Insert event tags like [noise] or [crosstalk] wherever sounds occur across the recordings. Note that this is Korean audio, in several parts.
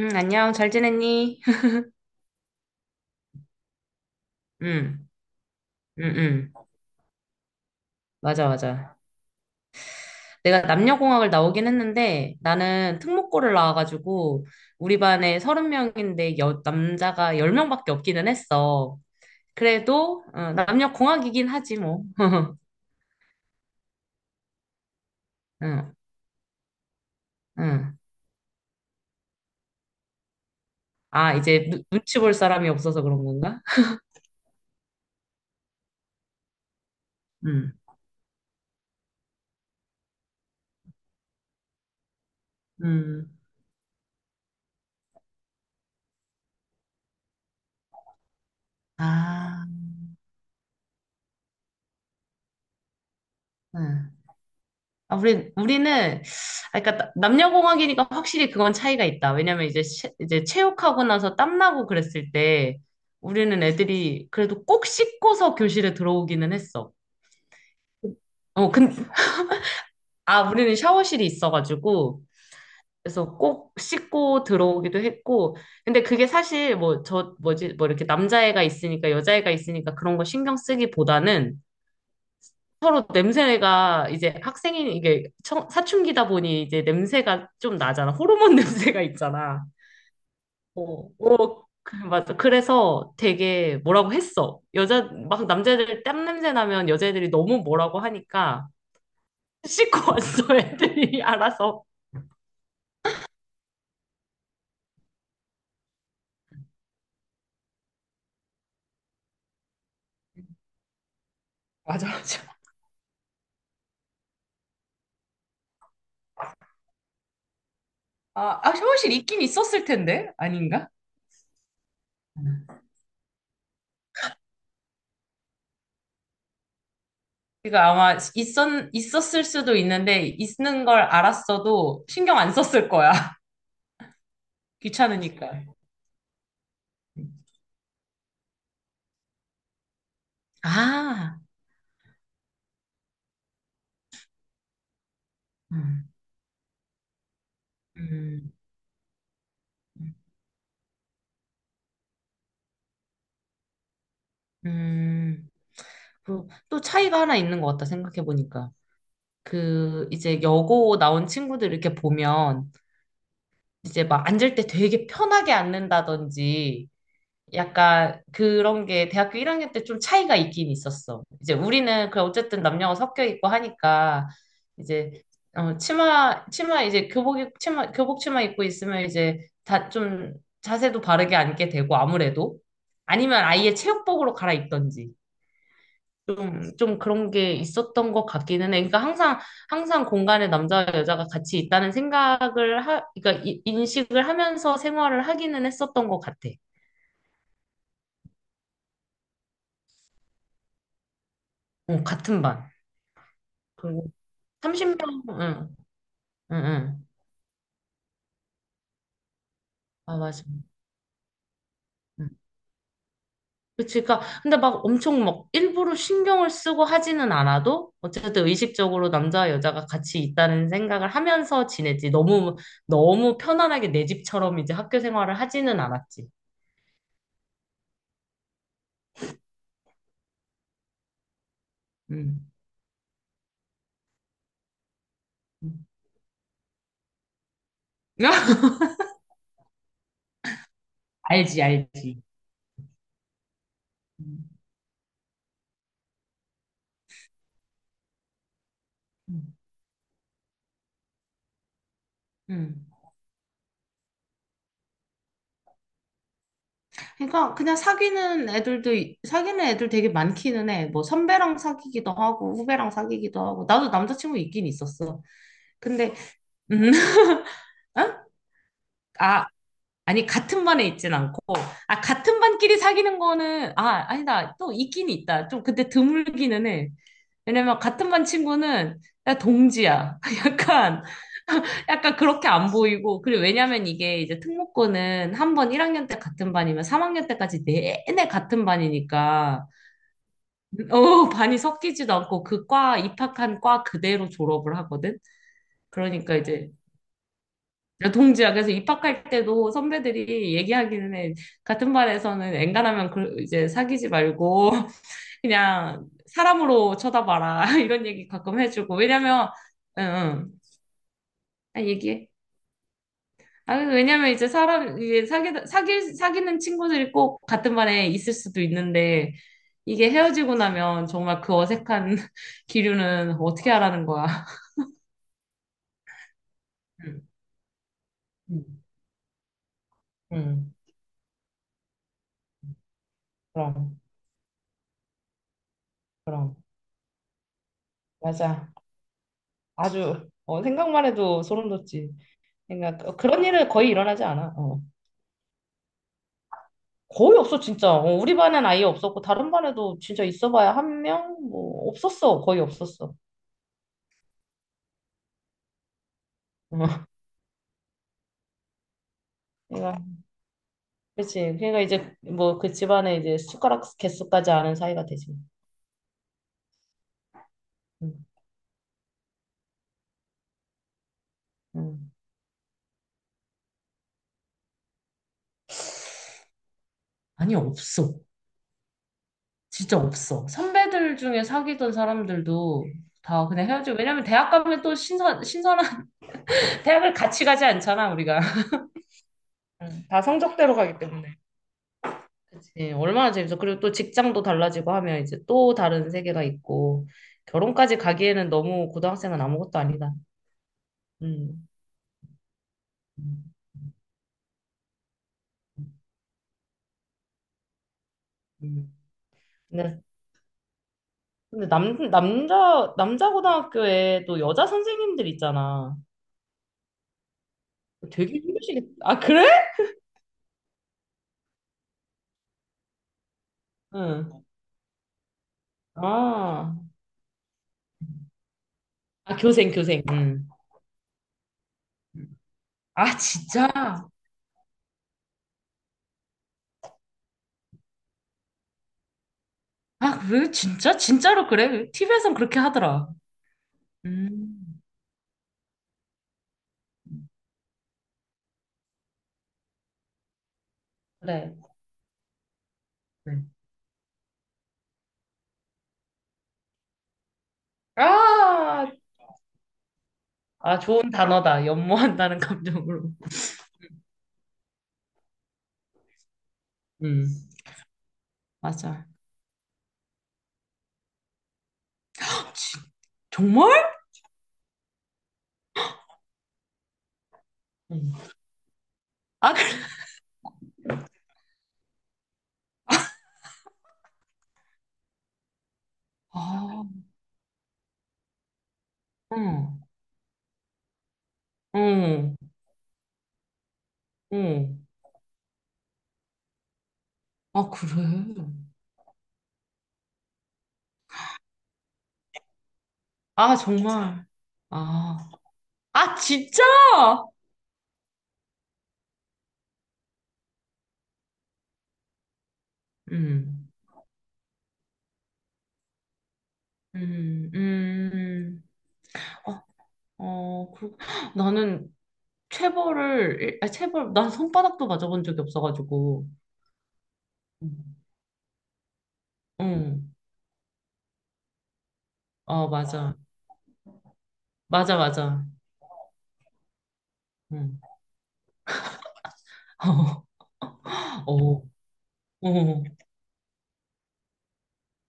응, 안녕. 잘 지냈니? [laughs] 응, 응, 응. 맞아, 맞아. 내가 남녀공학을 나오긴 했는데 나는 특목고를 나와가지고 우리 반에 서른 명인데 남자가 열 명밖에 없기는 했어. 그래도 남녀공학이긴 하지 뭐. [laughs] 응, 응. 아, 이제 눈치 볼 사람이 없어서 그런 건가? 응, 응. 아, 응. 아, 우리, 우리는, 아, 그러니까 남녀공학이니까 확실히 그건 차이가 있다. 왜냐면 이제, 이제 체육하고 나서 땀나고 그랬을 때 우리는 애들이 그래도 꼭 씻고서 교실에 들어오기는 했어. 어, 근, 아, 우리는 샤워실이 있어가지고, 그래서 꼭 씻고 들어오기도 했고, 근데 그게 사실 뭐 이렇게 남자애가 있으니까 여자애가 있으니까 그런 거 신경 쓰기보다는 서로 냄새가 이제 학생인 이게 사춘기다 보니 이제 냄새가 좀 나잖아. 호르몬 [laughs] 냄새가 있잖아. 어, 맞아. 그래서 되게 뭐라고 했어. 막 남자애들 땀 냄새 나면 여자애들이 너무 뭐라고 하니까 씻고 [laughs] 왔어, 애들이 알아서. 맞아, 맞아. 아, 아, 샤워실 있긴 있었을 텐데, 아닌가? 음. 그러니까 아마 있었을 수도 있는데, 있는 걸 알았어도 신경 안 썼을 거야. [laughs] 귀찮으니까. 아, 음, 음, 음. 그리고 또 차이가 하나 있는 것 같다 생각해보니까. 그 이제 여고 나온 친구들 이렇게 보면 이제 막 앉을 때 되게 편하게 앉는다든지 약간 그런 게 대학교 1학년 때 좀 차이가 있긴 있었어. 이제 우리는 그 어쨌든 남녀가 섞여 있고 하니까 이제 치마 이제 교복 치마 교복 치마 입고 있으면 이제 다 좀 자세도 바르게 앉게 되고 아무래도 아니면 아예 체육복으로 갈아입던지 좀 그런 게 있었던 것 같기는 해. 그러니까 항상 공간에 남자와 여자가 같이 있다는 생각을 하 그러니까 인식을 하면서 생활을 하기는 했었던 것 같아. 어, 같은 반. 30명, 응, 응, 응. 아, 맞아. 응. 그치. 그니까, 근데 막 엄청 막 일부러 신경을 쓰고 하지는 않아도, 어쨌든 의식적으로 남자와 여자가 같이 있다는 생각을 하면서 지냈지. 너무, 너무 편안하게 내 집처럼 이제 학교 생활을 하지는 않았지. 응. 응. [laughs] 알지, 알지. 음, 음, 음. 그러니까 그냥 사귀는 애들도 사귀는 애들 되게 많기는 해. 뭐 선배랑 사귀기도 하고 후배랑 사귀기도 하고 나도 남자친구 있긴 있었어. 근데 음, 응? 아, 아니, 같은 반에 있진 않고, 아, 같은 반끼리 사귀는 거는, 아, 아니다. 또 있긴 있다. 좀 근데 드물기는 해. 왜냐면 같은 반 친구는, 야, 동지야. [laughs] 약간, 약간, 그렇게 안 보이고, 그리고 왜냐면 이게 이제 특목고는 한 번 1학년 때 같은 반이면 3학년 때까지 내내 같은 반이니까, 어, 반이 섞이지도 않고 입학한 과 그대로 졸업을 하거든? 그러니까 이제, 동지야. 그래서 입학할 때도 선배들이 얘기하기는 해. 같은 반에서는 엔간하면 그 이제 사귀지 말고 [laughs] 그냥 사람으로 쳐다봐라. [laughs] 이런 얘기 가끔 해주고. 왜냐면, 응, 응. 아, 얘기해. 아, 왜냐면 이제 사람, 이제 사귀, 사귀, 사귀는 친구들이 꼭 같은 반에 있을 수도 있는데, 이게 헤어지고 나면 정말 그 어색한 [laughs] 기류는 어떻게 하라는 거야. 응, 응 응. 그럼, 그럼. 맞아. 아주 생각만 해도 소름 돋지. 그러니까 그런 일은 거의 일어나지 않아. 어. 거의 없어 진짜. 어, 우리 반엔 아예 없었고 다른 반에도 진짜 있어봐야 한 명 뭐 없었어. 거의 없었어. 어. 그러니까 그치. 그러니까 이제 뭐 그 집안에 이제 숟가락 개수까지 아는 사이가 되지. 응, 응. 아니, 없어. 진짜 없어. 선배들 중에 사귀던 사람들도 다 그냥 헤어지고, 왜냐면 대학 가면 또 신선한, [laughs] 대학을 같이 가지 않잖아, 우리가. 응. 다 성적대로 가기 때문에. 그치. 얼마나 재밌어. 그리고 또 직장도 달라지고 하면 이제 또 다른 세계가 있고, 결혼까지 가기에는 너무 고등학생은 아무것도 아니다. 음. 음, 음. 근데, 근데, 남자 고등학교에 또 여자 선생님들 있잖아. 되게 힘드시겠다. 아, 그래? 응. 아, 아, 교생, 교생. 응. 아, 진짜? 아, 왜, 진짜? 진짜로 그래? TV에선 그렇게 하더라. 음, 그래. 네. 아, 아, 좋은 단어다. 연모한다는 [laughs] 감정으로. 음, 맞아. 정말? 음. 아, 그래. 아, 응, 응, 응. 아, 그래. 아, 정말. 아, 아, 진짜? 음, 음, 음. 어, 어, 그렇 나는 아, 체벌, 난 손바닥도 맞아본 적이 없어가지고. 음. 응, 어, 맞아. 맞아, 맞아. 응. [laughs] 어, 어.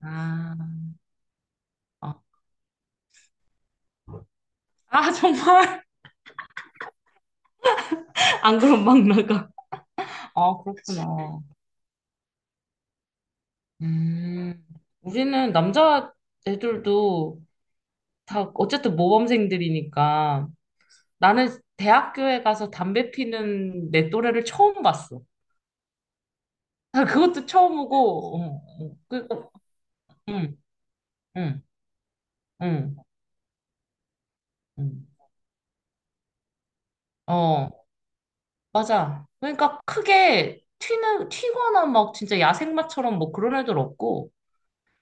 아, 아, 아, 정말? [laughs] 안 그럼 막 나가. 아, 그렇구나. 음, 우리는 남자 애들도 다 어쨌든 모범생들이니까 나는 대학교에 가서 담배 피는 내 또래를 처음 봤어. 아, 그것도 처음이고, 응, 응, 응, 응. 어, 맞아. 그러니까 크게 튀거나 막 진짜 야생마처럼 뭐 그런 애들 없고,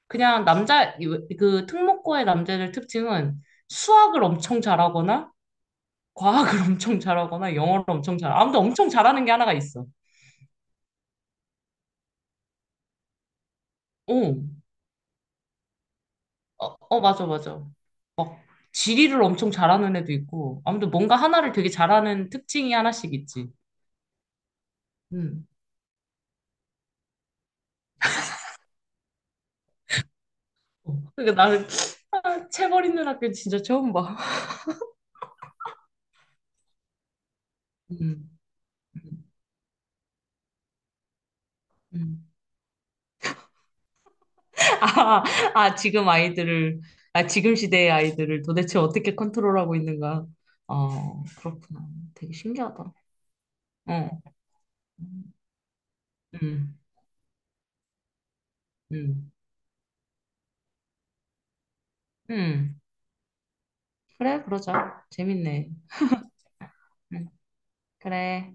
그냥 그 특목고의 남자들 특징은 수학을 엄청 잘하거나, 과학을 [laughs] 엄청 잘하거나, 영어를 엄청 아무튼 엄청 잘하는 게 하나가 있어. 어, 어, 어, 맞아, 맞아. 지리를 엄청 잘하는 애도 있고, 아무튼 뭔가 하나를 되게 잘하는 특징이 하나씩 있지. 음. 어. 그러니까 나는, [laughs] [sniffs] 아, 체벌 있는 학교 진짜 처음 봐. [laughs] 음. 음. 음. [laughs] 아, 아, 지금 아이들을, 아, 지금 시대의 아이들을 도대체 어떻게 컨트롤하고 있는가. 어, 그렇구나. 되게 신기하다. 어, 음, 음, 음. 그래, 그러자. 재밌네. 음, 그래.